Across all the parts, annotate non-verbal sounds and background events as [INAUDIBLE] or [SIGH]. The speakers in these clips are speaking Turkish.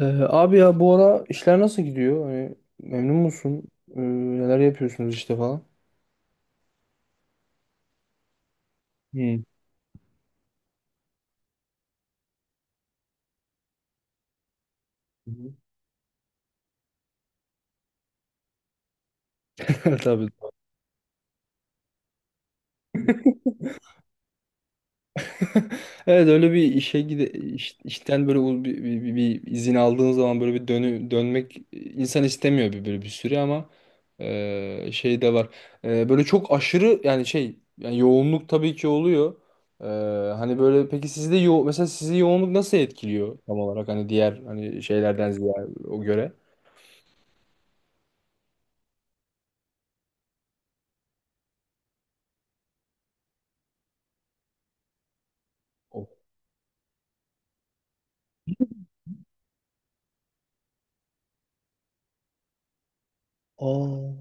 Abi, ya bu ara işler nasıl gidiyor? Hani memnun musun? Ee, Neler yapıyorsunuz işte falan? Hmm. [LAUGHS] Hı. Evet, evet, öyle bir işe işten böyle bir izin aldığın zaman, böyle bir dönmek, insan istemiyor bir böyle bir süre, ama şey de var. Böyle çok aşırı, yani şey, yani yoğunluk tabii ki oluyor. E, Hani böyle, peki sizde mesela sizi yoğunluk nasıl etkiliyor tam olarak, hani diğer hani şeylerden ziyade o göre? Of. Aa.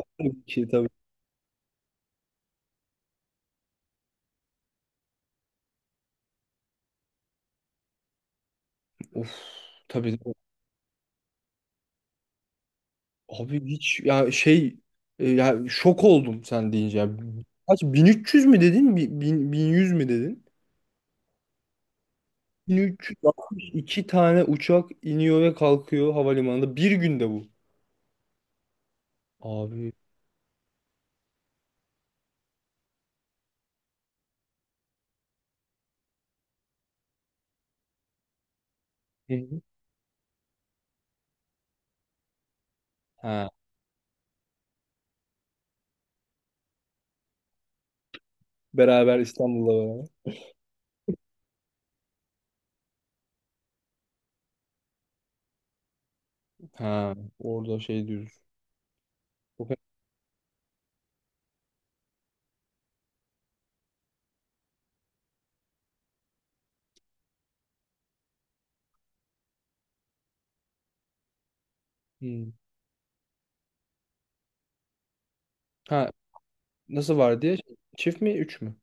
Tabii ki, tabii. Of, tabii. Abi, hiç ya şey, ya şok oldum sen deyince, ya. Kaç, 1300 mü dedin? 1100 mü dedin? 1362 tane uçak iniyor ve kalkıyor havalimanında bir günde, bu. Abi. Hı, hı. Ha. Beraber, İstanbul'la beraber. Ha. Orada şey diyoruz. Çok- Hmm. Ha. Nasıl var diye? Çift mi? Üç mü?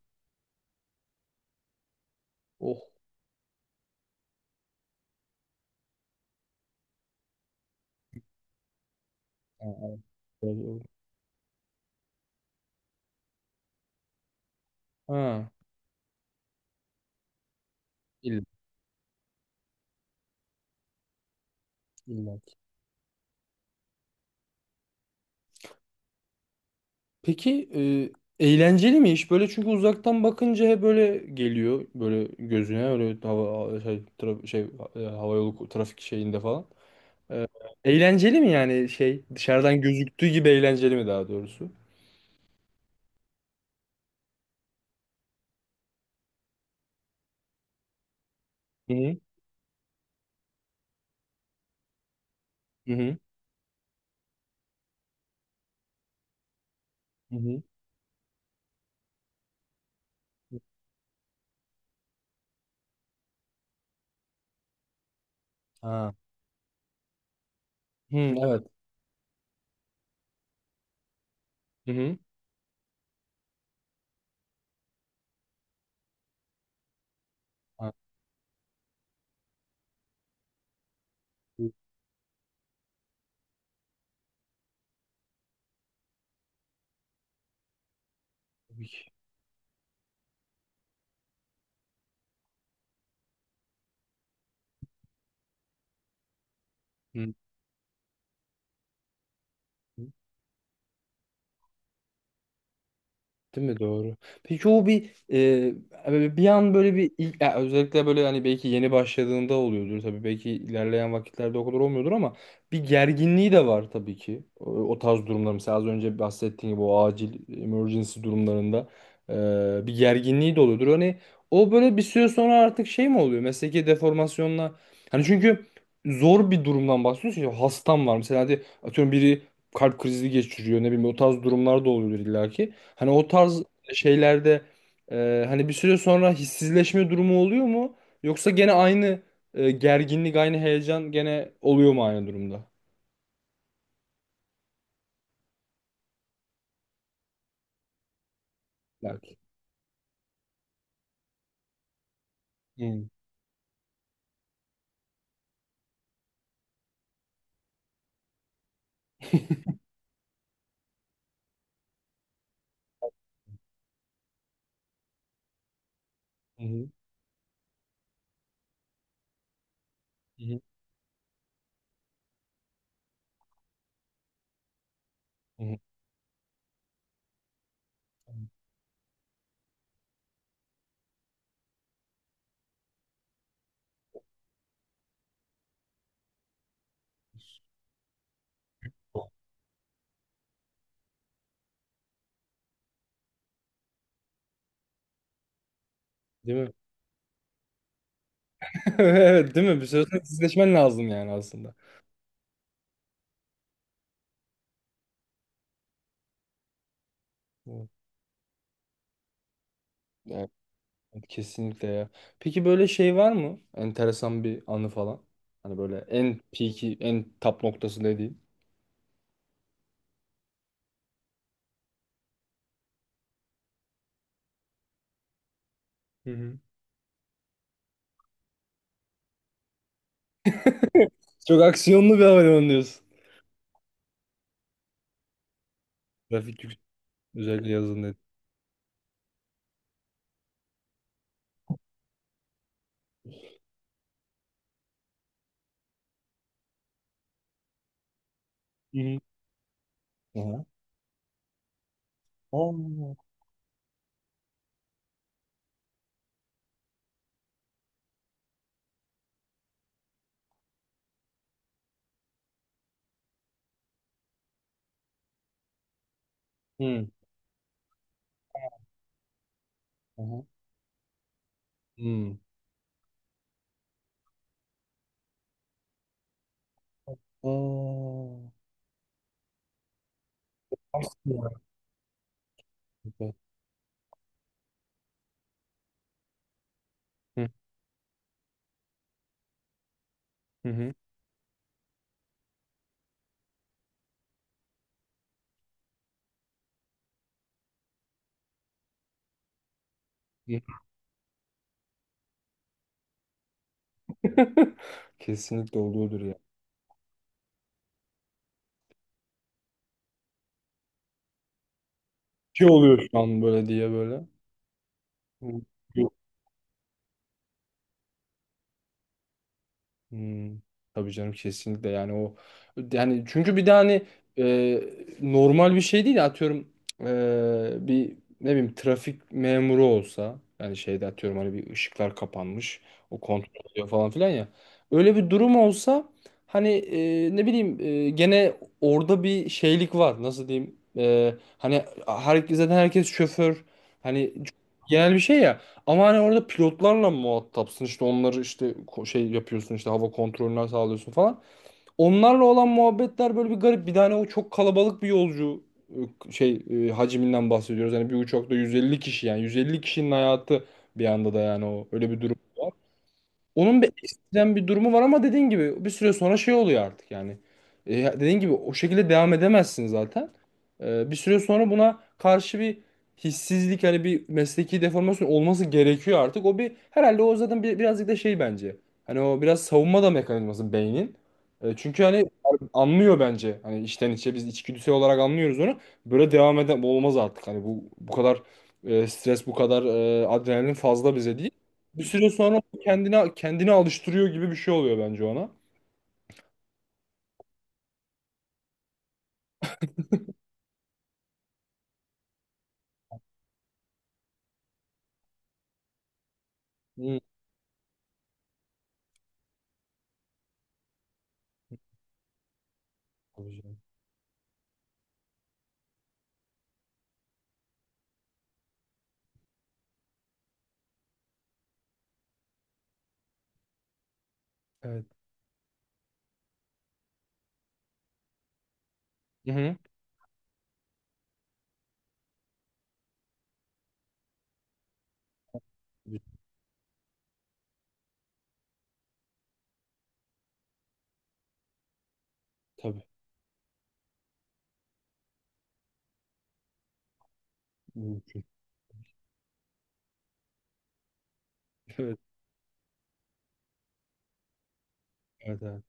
Oh. Ha, evet. Ha. İlla. İlla. Peki, eğlenceli mi iş? Böyle, çünkü uzaktan bakınca hep böyle geliyor, böyle gözüne, öyle hava şey, şey, havayolu trafik şeyinde falan. Eğlenceli mi yani, şey, dışarıdan gözüktüğü gibi eğlenceli mi daha doğrusu? Hı hı. Hı hı. Hı hı. Ha. Hı, evet. Hı hı. Ha, tabii ki. Hı. Değil mi? Doğru. Peki, o bir böyle bir an, böyle bir ilk, ya özellikle böyle hani belki yeni başladığında oluyordur tabii, belki ilerleyen vakitlerde o kadar olmuyordur, ama bir gerginliği de var tabii ki. O tarz durumlar mesela, az önce bahsettiğim gibi, o acil emergency durumlarında bir gerginliği de oluyordur. Hani o böyle bir süre sonra artık şey mi oluyor? Mesleki deformasyonla, hani çünkü zor bir durumdan bahsediyorsun, ya. Hastam var mesela, hadi atıyorum, biri kalp krizi geçiriyor, ne bileyim, o tarz durumlar da oluyor illaki. Hani o tarz şeylerde hani bir süre sonra hissizleşme durumu oluyor mu? Yoksa gene aynı gerginlik, aynı heyecan, gene oluyor mu aynı durumda? Belki. Hı hı, hı hı, hı. Değil mi? [LAUGHS] Evet, değil mi? Bir süre sonra hissizleşmen lazım yani aslında. Evet, evet, kesinlikle ya. Peki, böyle şey var mı? Enteresan bir anı falan. Hani böyle en peak'i, en top noktası dediğin. Hı hı. Çok aksiyonlu bir havalimanı diyorsun. Trafik yüksek. Özellikle yazın dedi. Hı hı. Aha. Oo. Hı. Aha. Hmm. Oo. Aslında. Hı hı, hı. Hı. [LAUGHS] Kesinlikle oluyordur ya. Ki oluyor şu an, böyle diye böyle. Hı. Hmm, tabii canım, kesinlikle yani o, yani çünkü bir de hani e, normal bir şey değil, atıyorum, bir, ne bileyim, trafik memuru olsa, yani şeyde, atıyorum, hani bir ışıklar kapanmış, o kontrol ediyor falan filan ya, öyle bir durum olsa, hani ne bileyim, gene orada bir şeylik var, nasıl diyeyim, hani herkes zaten, herkes şoför, hani genel bir şey ya, ama hani orada pilotlarla muhatapsın, işte onları işte şey yapıyorsun, işte hava kontrolünü sağlıyorsun falan. Onlarla olan muhabbetler böyle bir garip. Bir tane o çok kalabalık bir yolcu şey, hacminden bahsediyoruz. Yani bir uçakta 150 kişi, yani 150 kişinin hayatı bir anda da, yani o öyle bir durum. Onun bir ekstrem bir durumu var, ama dediğin gibi bir süre sonra şey oluyor artık yani. Dediğin gibi o şekilde devam edemezsin zaten. Bir süre sonra buna karşı bir hissizlik, hani bir mesleki deformasyon olması gerekiyor artık. O bir herhalde, o zaten bir, birazcık da şey bence. Hani o biraz savunma da mekanizması beynin. Çünkü hani anlıyor bence. Hani içten içe biz içgüdüsel olarak anlıyoruz onu. Böyle devam eden, bu olmaz artık. Hani bu kadar stres, bu kadar adrenalin fazla bize değil. Bir süre sonra kendine kendini alıştırıyor gibi bir şey oluyor bence ona. Hı. Tabii canım. Evet. Hı hı. Bir- Tabii. Mümkün. [LAUGHS] Evet, evet, evet.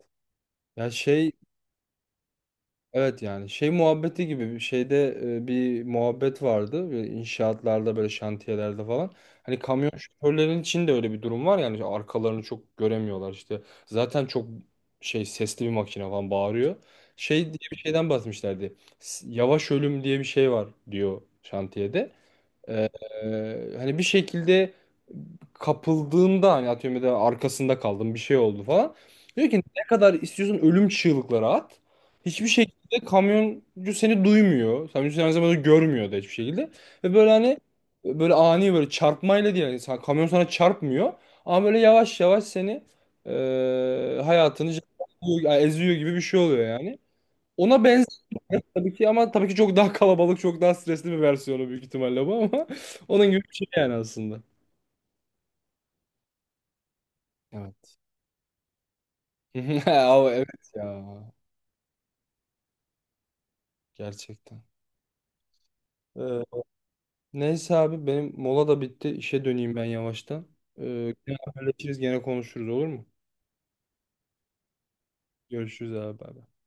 Ya şey, evet, yani şey muhabbeti gibi bir şeyde, bir muhabbet vardı. Böyle inşaatlarda, böyle şantiyelerde falan. Hani kamyon şoförlerin için de öyle bir durum var yani, arkalarını çok göremiyorlar işte. Zaten çok şey, sesli bir makine falan bağırıyor. Şey diye bir şeyden bahsetmişlerdi. Yavaş ölüm diye bir şey var, diyor, şantiyede. Ee, Hani bir şekilde kapıldığında, hani atıyorum ya da arkasında kaldım, bir şey oldu falan. Diyor ki, ne kadar istiyorsun ölüm çığlıkları at. Hiçbir şekilde kamyoncu seni duymuyor. Kamyoncu seni aynı zamanda görmüyor da, hiçbir şekilde. Ve böyle hani, böyle ani böyle çarpmayla değil. Yani sen- kamyon sana çarpmıyor. Ama böyle yavaş yavaş seni hayatını eziyor, eziyor gibi bir şey oluyor yani. Ona benziyor tabii ki, ama tabii ki çok daha kalabalık, çok daha stresli bir versiyonu büyük ihtimalle bu, ama [LAUGHS] onun gibi bir şey yani aslında. Evet. [LAUGHS] Ama evet, ya gerçekten. Ee, Neyse abi, benim mola da bitti. İşe döneyim ben yavaştan. Gene haberleşiriz, gene konuşuruz, olur mu? Görüşürüz abi. Bay bay.